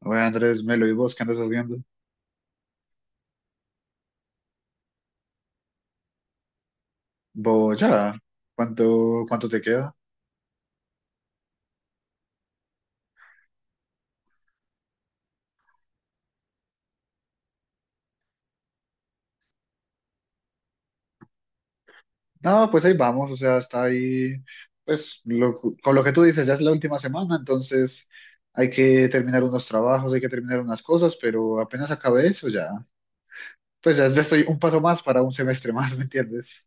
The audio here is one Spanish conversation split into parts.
Bueno, Andrés, Melo, ¿y vos qué andas haciendo? Vos ya, ¿cuánto te queda? No, pues ahí vamos, o sea, está ahí, pues con lo que tú dices, ya es la última semana, entonces hay que terminar unos trabajos, hay que terminar unas cosas, pero apenas acabé eso ya, pues ya estoy un paso más para un semestre más, ¿me entiendes?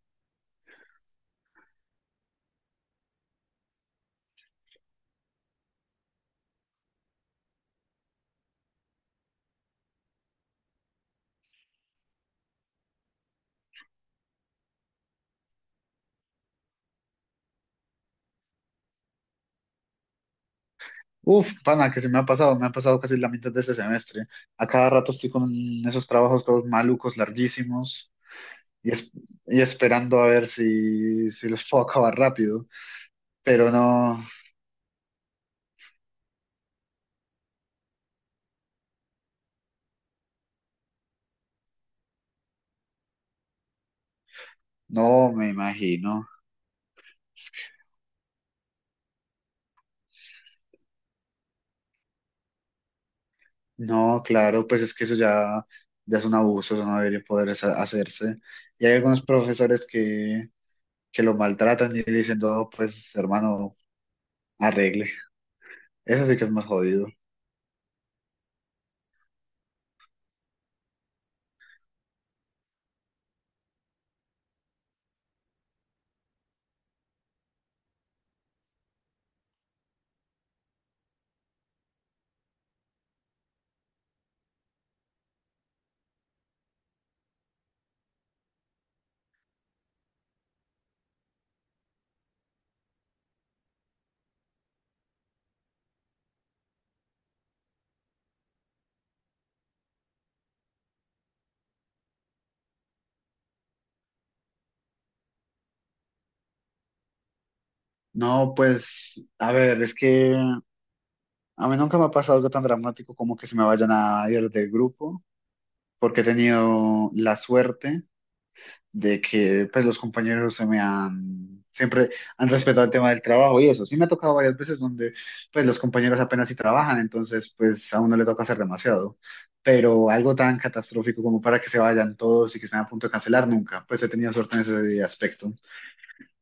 Uf, pana, que se me ha pasado casi la mitad de este semestre. A cada rato estoy con esos trabajos todos malucos, larguísimos, y, y esperando a ver si los puedo acabar rápido. Pero no, no me imagino. Es que- No, claro, pues es que eso ya, ya es un abuso, eso no debería poder hacerse. Y hay algunos profesores que lo maltratan y dicen, no, pues hermano, arregle. Eso sí que es más jodido. No, pues, a ver, es que a mí nunca me ha pasado algo tan dramático como que se me vayan a ir del grupo, porque he tenido la suerte de que pues los compañeros se me han, siempre han respetado el tema del trabajo y eso. Sí me ha tocado varias veces donde pues los compañeros apenas si trabajan, entonces pues a uno le toca hacer demasiado. Pero algo tan catastrófico como para que se vayan todos y que estén a punto de cancelar, nunca. Pues he tenido suerte en ese aspecto.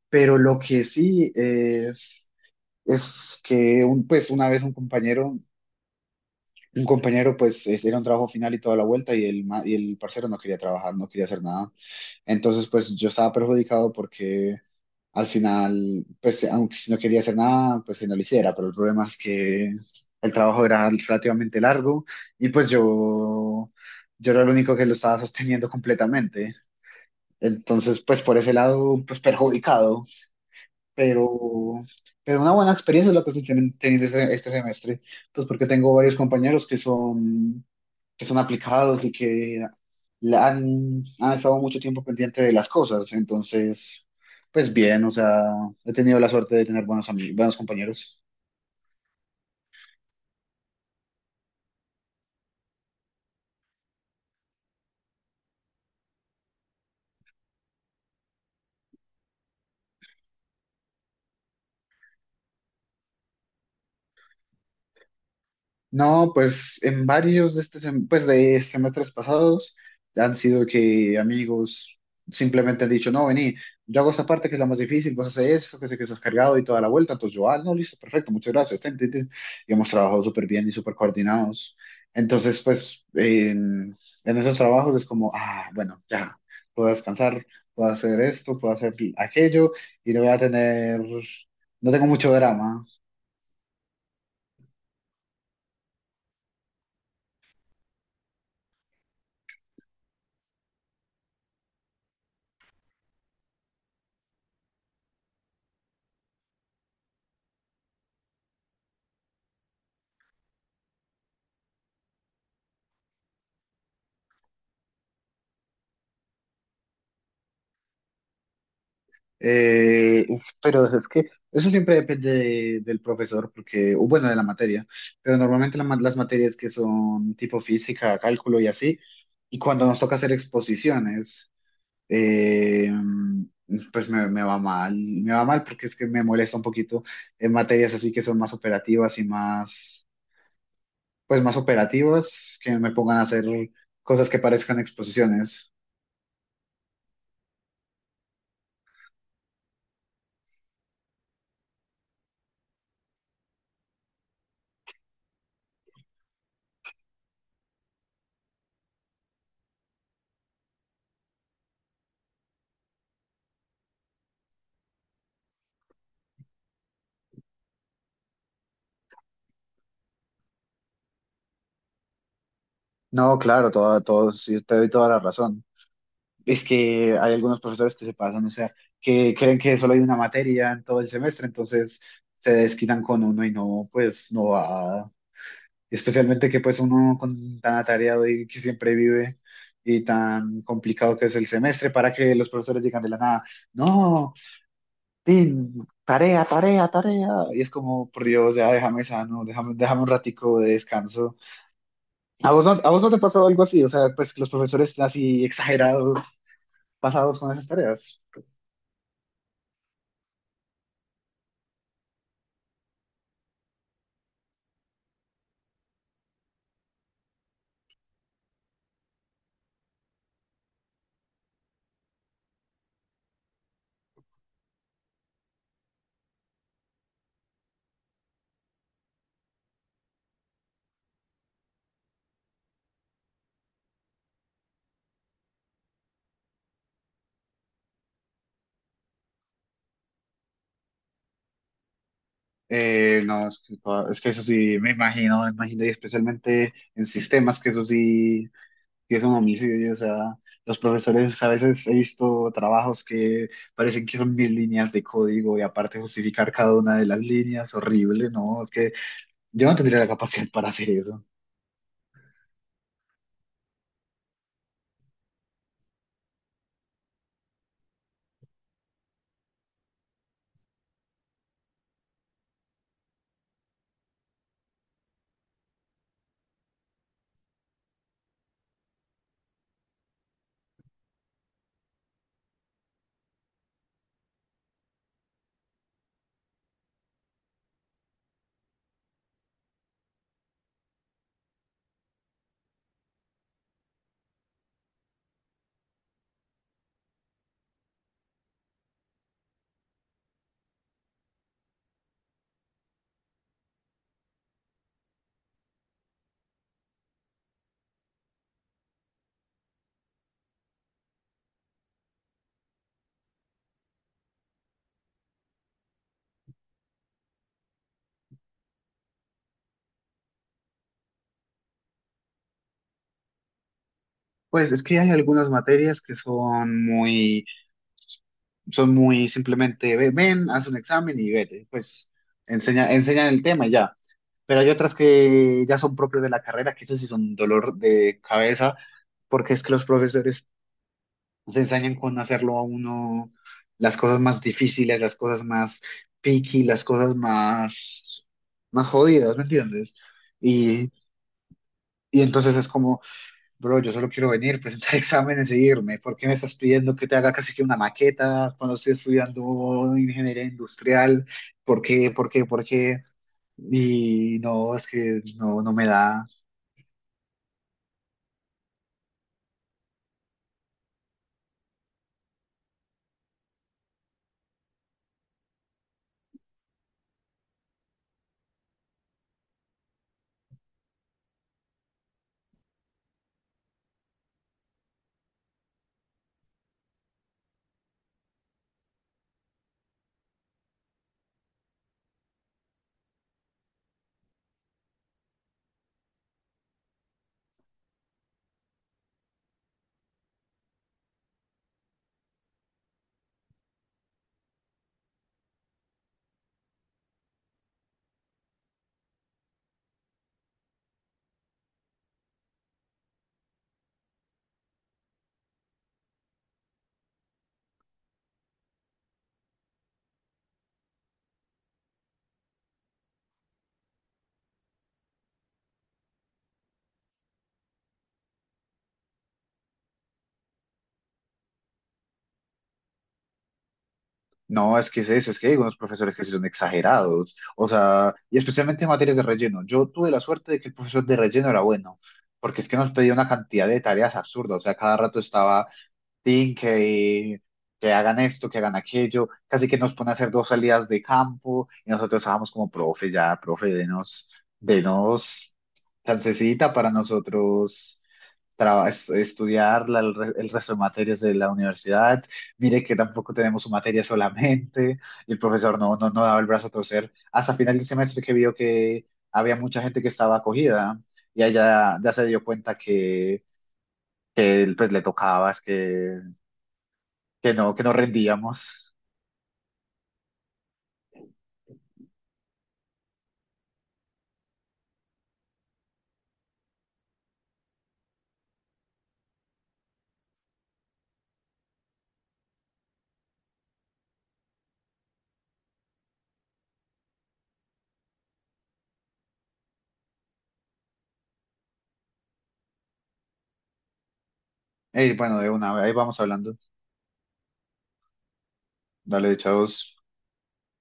Pero lo que sí es que un, pues una vez un compañero... Un compañero, pues, era un trabajo final y toda la vuelta, y el, y el parcero no quería trabajar, no quería hacer nada. Entonces, pues yo estaba perjudicado porque al final, pues aunque si no quería hacer nada, pues que no lo hiciera, pero el problema es que el trabajo era relativamente largo y pues yo era el único que lo estaba sosteniendo completamente. Entonces, pues por ese lado, pues perjudicado, pero, pero una buena experiencia es lo que estoy teniendo este, este semestre, pues porque tengo varios compañeros que son aplicados y que la han, han estado mucho tiempo pendiente de las cosas, entonces, pues bien, o sea, he tenido la suerte de tener buenos, buenos compañeros. No, pues en varios de este pues de semestres pasados han sido que amigos simplemente han dicho, no, vení, yo hago esta parte que es la más difícil, vos haces eso, que sé que estás cargado y toda la vuelta, entonces yo, ah, no, listo, perfecto, muchas gracias, ten, ten, ten. Y hemos trabajado súper bien y súper coordinados. Entonces, pues en esos trabajos es como, ah, bueno, ya, puedo descansar, puedo hacer esto, puedo hacer aquello y no voy a tener, no tengo mucho drama. Uf, pero es que eso siempre depende del profesor, porque, o bueno, de la materia, pero normalmente la las materias que son tipo física, cálculo y así, y cuando nos toca hacer exposiciones, eh, pues me, me va mal porque es que me molesta un poquito en materias así que son más operativas y más, pues más operativas, que me pongan a hacer cosas que parezcan exposiciones. No, claro, todo, todo, sí, te doy toda la razón. Es que hay algunos profesores que se pasan, o sea, que creen que solo hay una materia en todo el semestre, entonces se desquitan con uno y no, pues no va. Especialmente que pues uno con tan atareado y que siempre vive y tan complicado que es el semestre para que los profesores digan de la nada, no, Tim, tarea, tarea, tarea. Y es como, por Dios, ya déjame sano, déjame, déjame un ratico de descanso. A vos no te ha pasado algo así? O sea, pues los profesores así exagerados, pasados con esas tareas. No, es que, es que eso sí, me imagino, y especialmente en sistemas, que eso sí, sí es un homicidio, o sea, los profesores a veces he visto trabajos que parecen que son mil líneas de código y aparte justificar cada una de las líneas, horrible, no, es que yo no tendría la capacidad para hacer eso. Pues es que hay algunas materias que son muy... Son muy simplemente, ven, haz un examen y vete. Pues enseña, enseñan el tema y ya. Pero hay otras que ya son propias de la carrera, que eso sí son dolor de cabeza, porque es que los profesores se ensañan con hacerlo a uno las cosas más difíciles, las cosas más picky, las cosas más, más jodidas, ¿me entiendes? Y, y entonces es como, bro, yo solo quiero venir, presentar exámenes e irme. ¿Por qué me estás pidiendo que te haga casi que una maqueta cuando estoy estudiando ingeniería industrial? ¿Por qué? ¿Por qué? ¿Por qué? Y no, es que no, no me da. No, es que es eso, es que hay unos profesores que sí son exagerados. O sea, y especialmente en materias de relleno. Yo tuve la suerte de que el profesor de relleno era bueno, porque es que nos pedía una cantidad de tareas absurdas. O sea, cada rato estaba tin, que hagan esto, que hagan aquello, casi que nos pone a hacer dos salidas de campo y nosotros estábamos como, profe, ya, profe, denos, denos chancecita para nosotros estudiar el, el resto de materias de la universidad, mire que tampoco tenemos su materia solamente y el profesor no, no, no daba el brazo a torcer hasta final del semestre que vio que había mucha gente que estaba acogida y ella ya se dio cuenta que él, pues le tocaba es que no rendíamos. Bueno, de una, ahí vamos hablando. Dale, chavos.